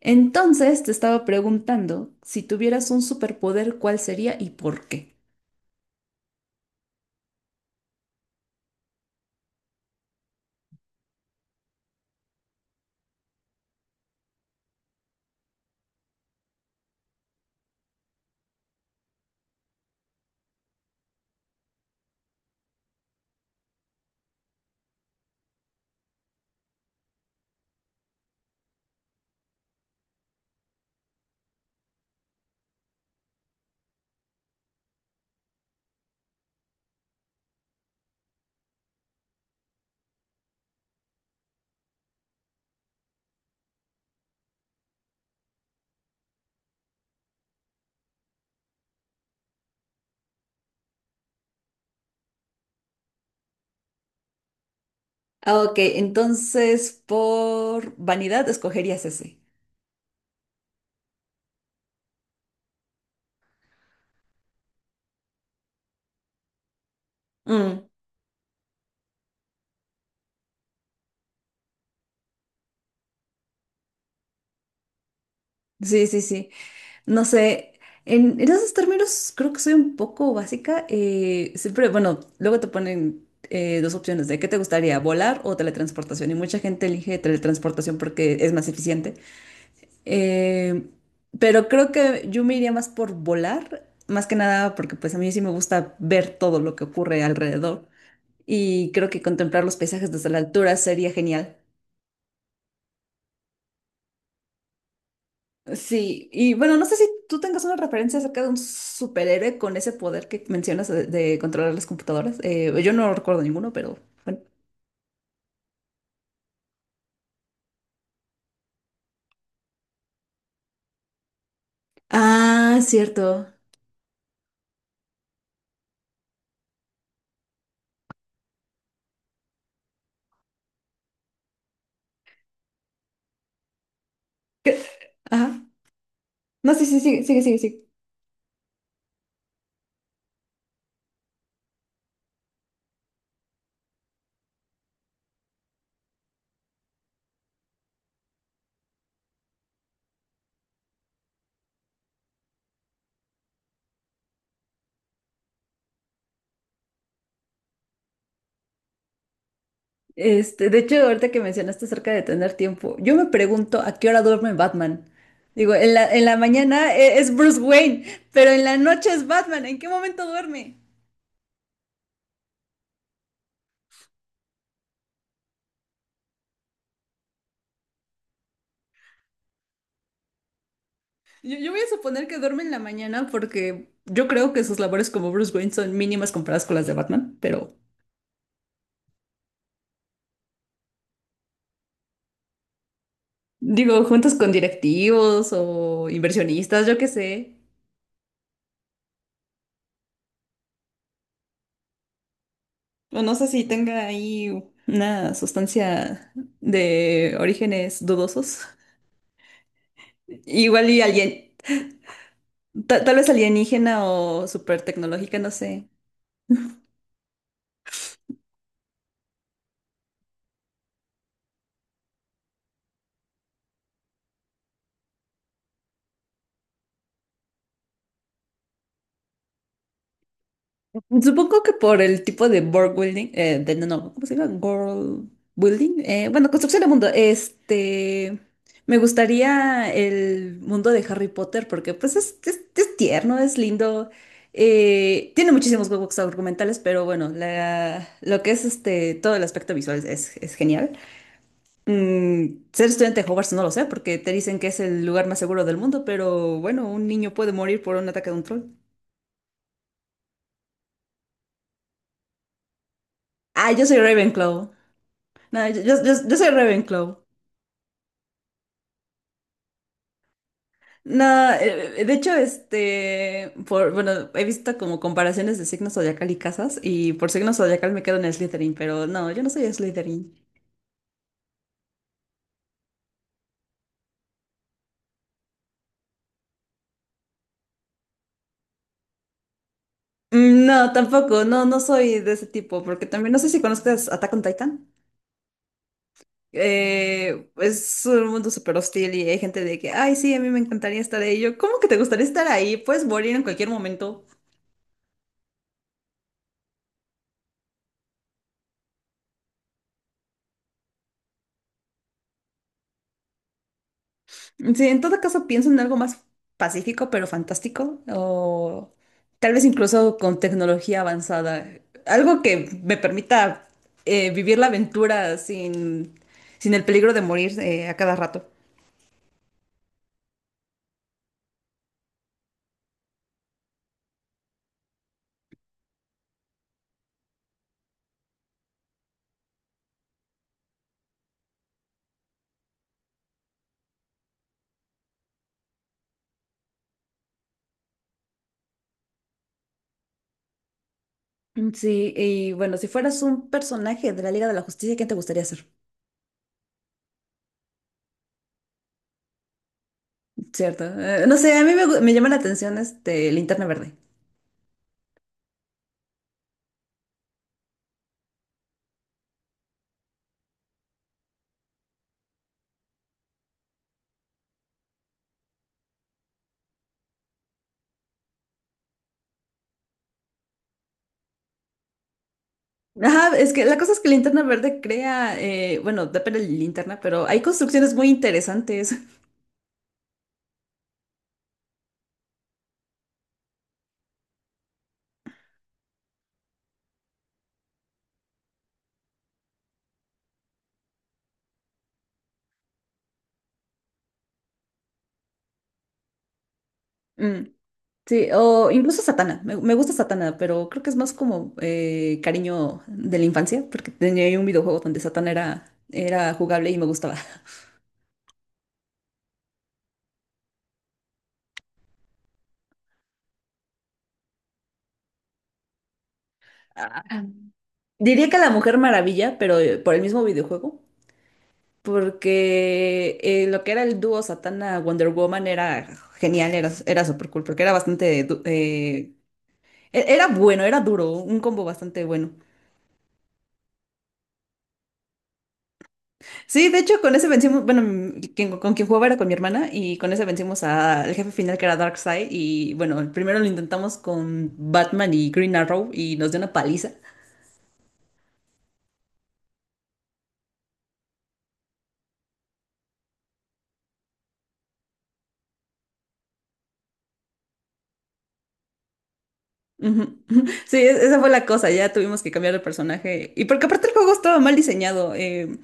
Entonces te estaba preguntando si tuvieras un superpoder, ¿cuál sería y por qué? Ah, ok, entonces por vanidad escogerías ese. Mm, sí, sí, sí. No sé, en esos términos creo que soy un poco básica. Siempre, bueno, luego te ponen dos opciones de qué te gustaría, volar o teletransportación. Y mucha gente elige teletransportación porque es más eficiente. Eh, pero creo que yo me iría más por volar, más que nada porque pues a mí sí me gusta ver todo lo que ocurre alrededor, y creo que contemplar los paisajes desde la altura sería genial. Sí, y bueno, no sé si tú tengas una referencia acerca de un superhéroe con ese poder que mencionas de controlar las computadoras. Yo no recuerdo ninguno, pero bueno. Ah, cierto. Ajá. No, sí, sí, sí, sigue, sigue, sigue. Este, de hecho, ahorita que mencionaste acerca de tener tiempo, yo me pregunto a qué hora duerme Batman. Digo, en la mañana es Bruce Wayne, pero en la noche es Batman. ¿En qué momento duerme? Yo voy a suponer que duerme en la mañana porque yo creo que sus labores como Bruce Wayne son mínimas comparadas con las de Batman, pero digo, juntos con directivos o inversionistas, yo qué sé. O no sé si tenga ahí una sustancia de orígenes dudosos. Igual y alguien. Tal vez alienígena o super tecnológica, no sé. Supongo que por el tipo de world building, de, no, no, ¿cómo se llama? World building. Bueno, construcción de mundo. Este, me gustaría el mundo de Harry Potter porque pues es tierno, es lindo. Tiene muchísimos huecos argumentales, pero bueno, lo que es este, todo el aspecto visual es genial. Mm, ser estudiante de Hogwarts no lo sé, porque te dicen que es el lugar más seguro del mundo, pero bueno, un niño puede morir por un ataque de un troll. Ah, yo soy Ravenclaw. No, yo soy Ravenclaw. No, de hecho, este, por, bueno, he visto como comparaciones de signos zodiacal y casas, y por signo zodiacal me quedo en Slytherin, pero no, yo no soy Slytherin. Mm, no, tampoco, no, no soy de ese tipo, porque también no sé si conozcas Attack on Titan. Es un mundo súper hostil y hay gente de que, ay, sí, a mí me encantaría estar ahí. Yo, ¿cómo que te gustaría estar ahí? Puedes morir en cualquier momento. Sí, en todo caso, pienso en algo más pacífico, pero fantástico, o tal vez incluso con tecnología avanzada. Algo que me permita vivir la aventura sin el peligro de morir a cada rato. Sí, y bueno, si fueras un personaje de la Liga de la Justicia, ¿quién te gustaría ser? Cierto. No sé, a mí me llama la atención este Linterna Verde. Ajá, es que la cosa es que Linterna Verde crea, bueno, depende de la linterna, pero hay construcciones muy interesantes. Mm, sí, o incluso Satana. Me gusta Satana, pero creo que es más como cariño de la infancia, porque tenía ahí un videojuego donde Satana era jugable y me gustaba. Diría que la Mujer Maravilla, pero por el mismo videojuego. Porque lo que era el dúo Satana Wonder Woman era genial, era súper cool, porque era era bueno, era duro, un combo bastante bueno. Sí, de hecho con ese vencimos, bueno, mm, con quien jugaba era con mi hermana y con ese vencimos al jefe final que era Darkseid y bueno, primero lo intentamos con Batman y Green Arrow y nos dio una paliza. Ujú, ujú. Sí, esa fue la cosa, ya tuvimos que cambiar el personaje. Y porque aparte el juego estaba mal diseñado.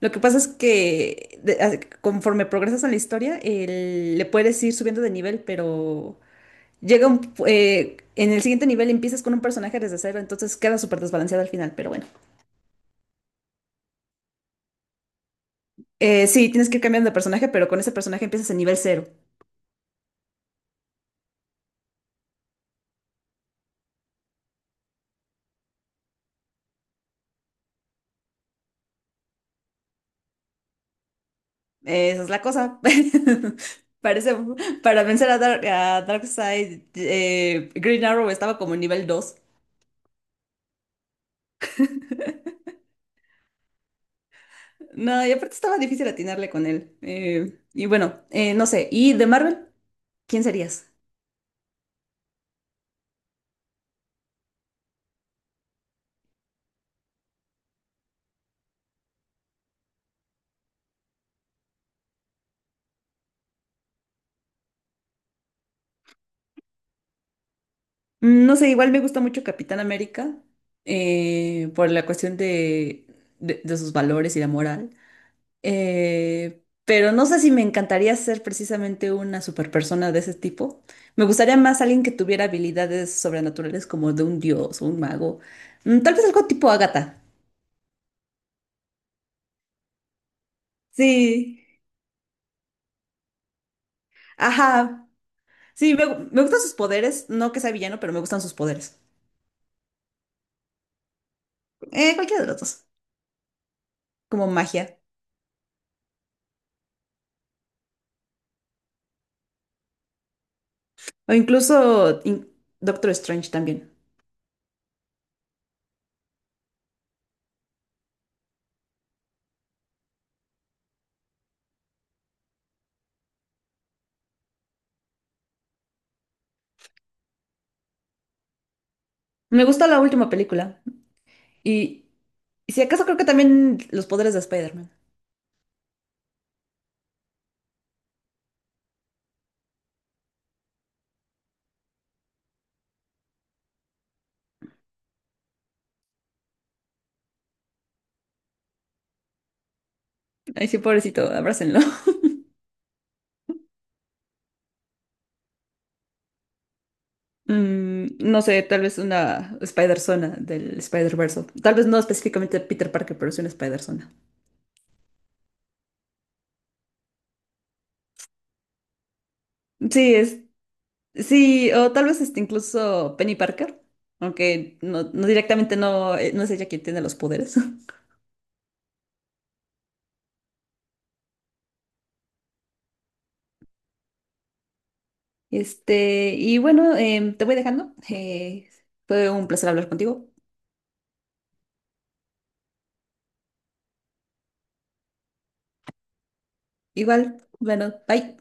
Lo que pasa es que conforme progresas en la historia, le puedes ir subiendo de nivel, pero llega un, en el siguiente nivel empiezas con un personaje desde cero, entonces queda súper desbalanceado al final, pero bueno. Sí, tienes que ir cambiando de personaje, pero con ese personaje empiezas en nivel cero. Esa es la cosa. Parece, para vencer a, a Darkseid, Green Arrow estaba como en nivel 2. No, y aparte estaba difícil atinarle con él. Y bueno, no sé. ¿Y de Marvel? ¿Quién serías? Mm, no sé, igual me gusta mucho Capitán América por la cuestión de sus valores y la moral. Pero no sé si me encantaría ser precisamente una superpersona de ese tipo. Me gustaría más alguien que tuviera habilidades sobrenaturales como de un dios o un mago. Mm, tal vez algo tipo Agatha. Sí, ajá. Sí, me gustan sus poderes. No que sea villano, pero me gustan sus poderes. Cualquiera de los dos, como magia. O incluso in- Doctor Strange también. Me gusta la última película. Y, y si acaso creo que también los poderes de Spider-Man. Ay, sí, pobrecito, abrácenlo. Mm, no sé, tal vez una Spider-Zona del Spider-Verse. Tal vez no específicamente Peter Parker, pero sí una Spider-Zona. Sí, es, sí, o tal vez este, incluso Penny Parker. Aunque no, no directamente no, no es ella quien tiene los poderes. Este, y bueno, te voy dejando. Fue un placer hablar contigo. Igual, bueno, bye.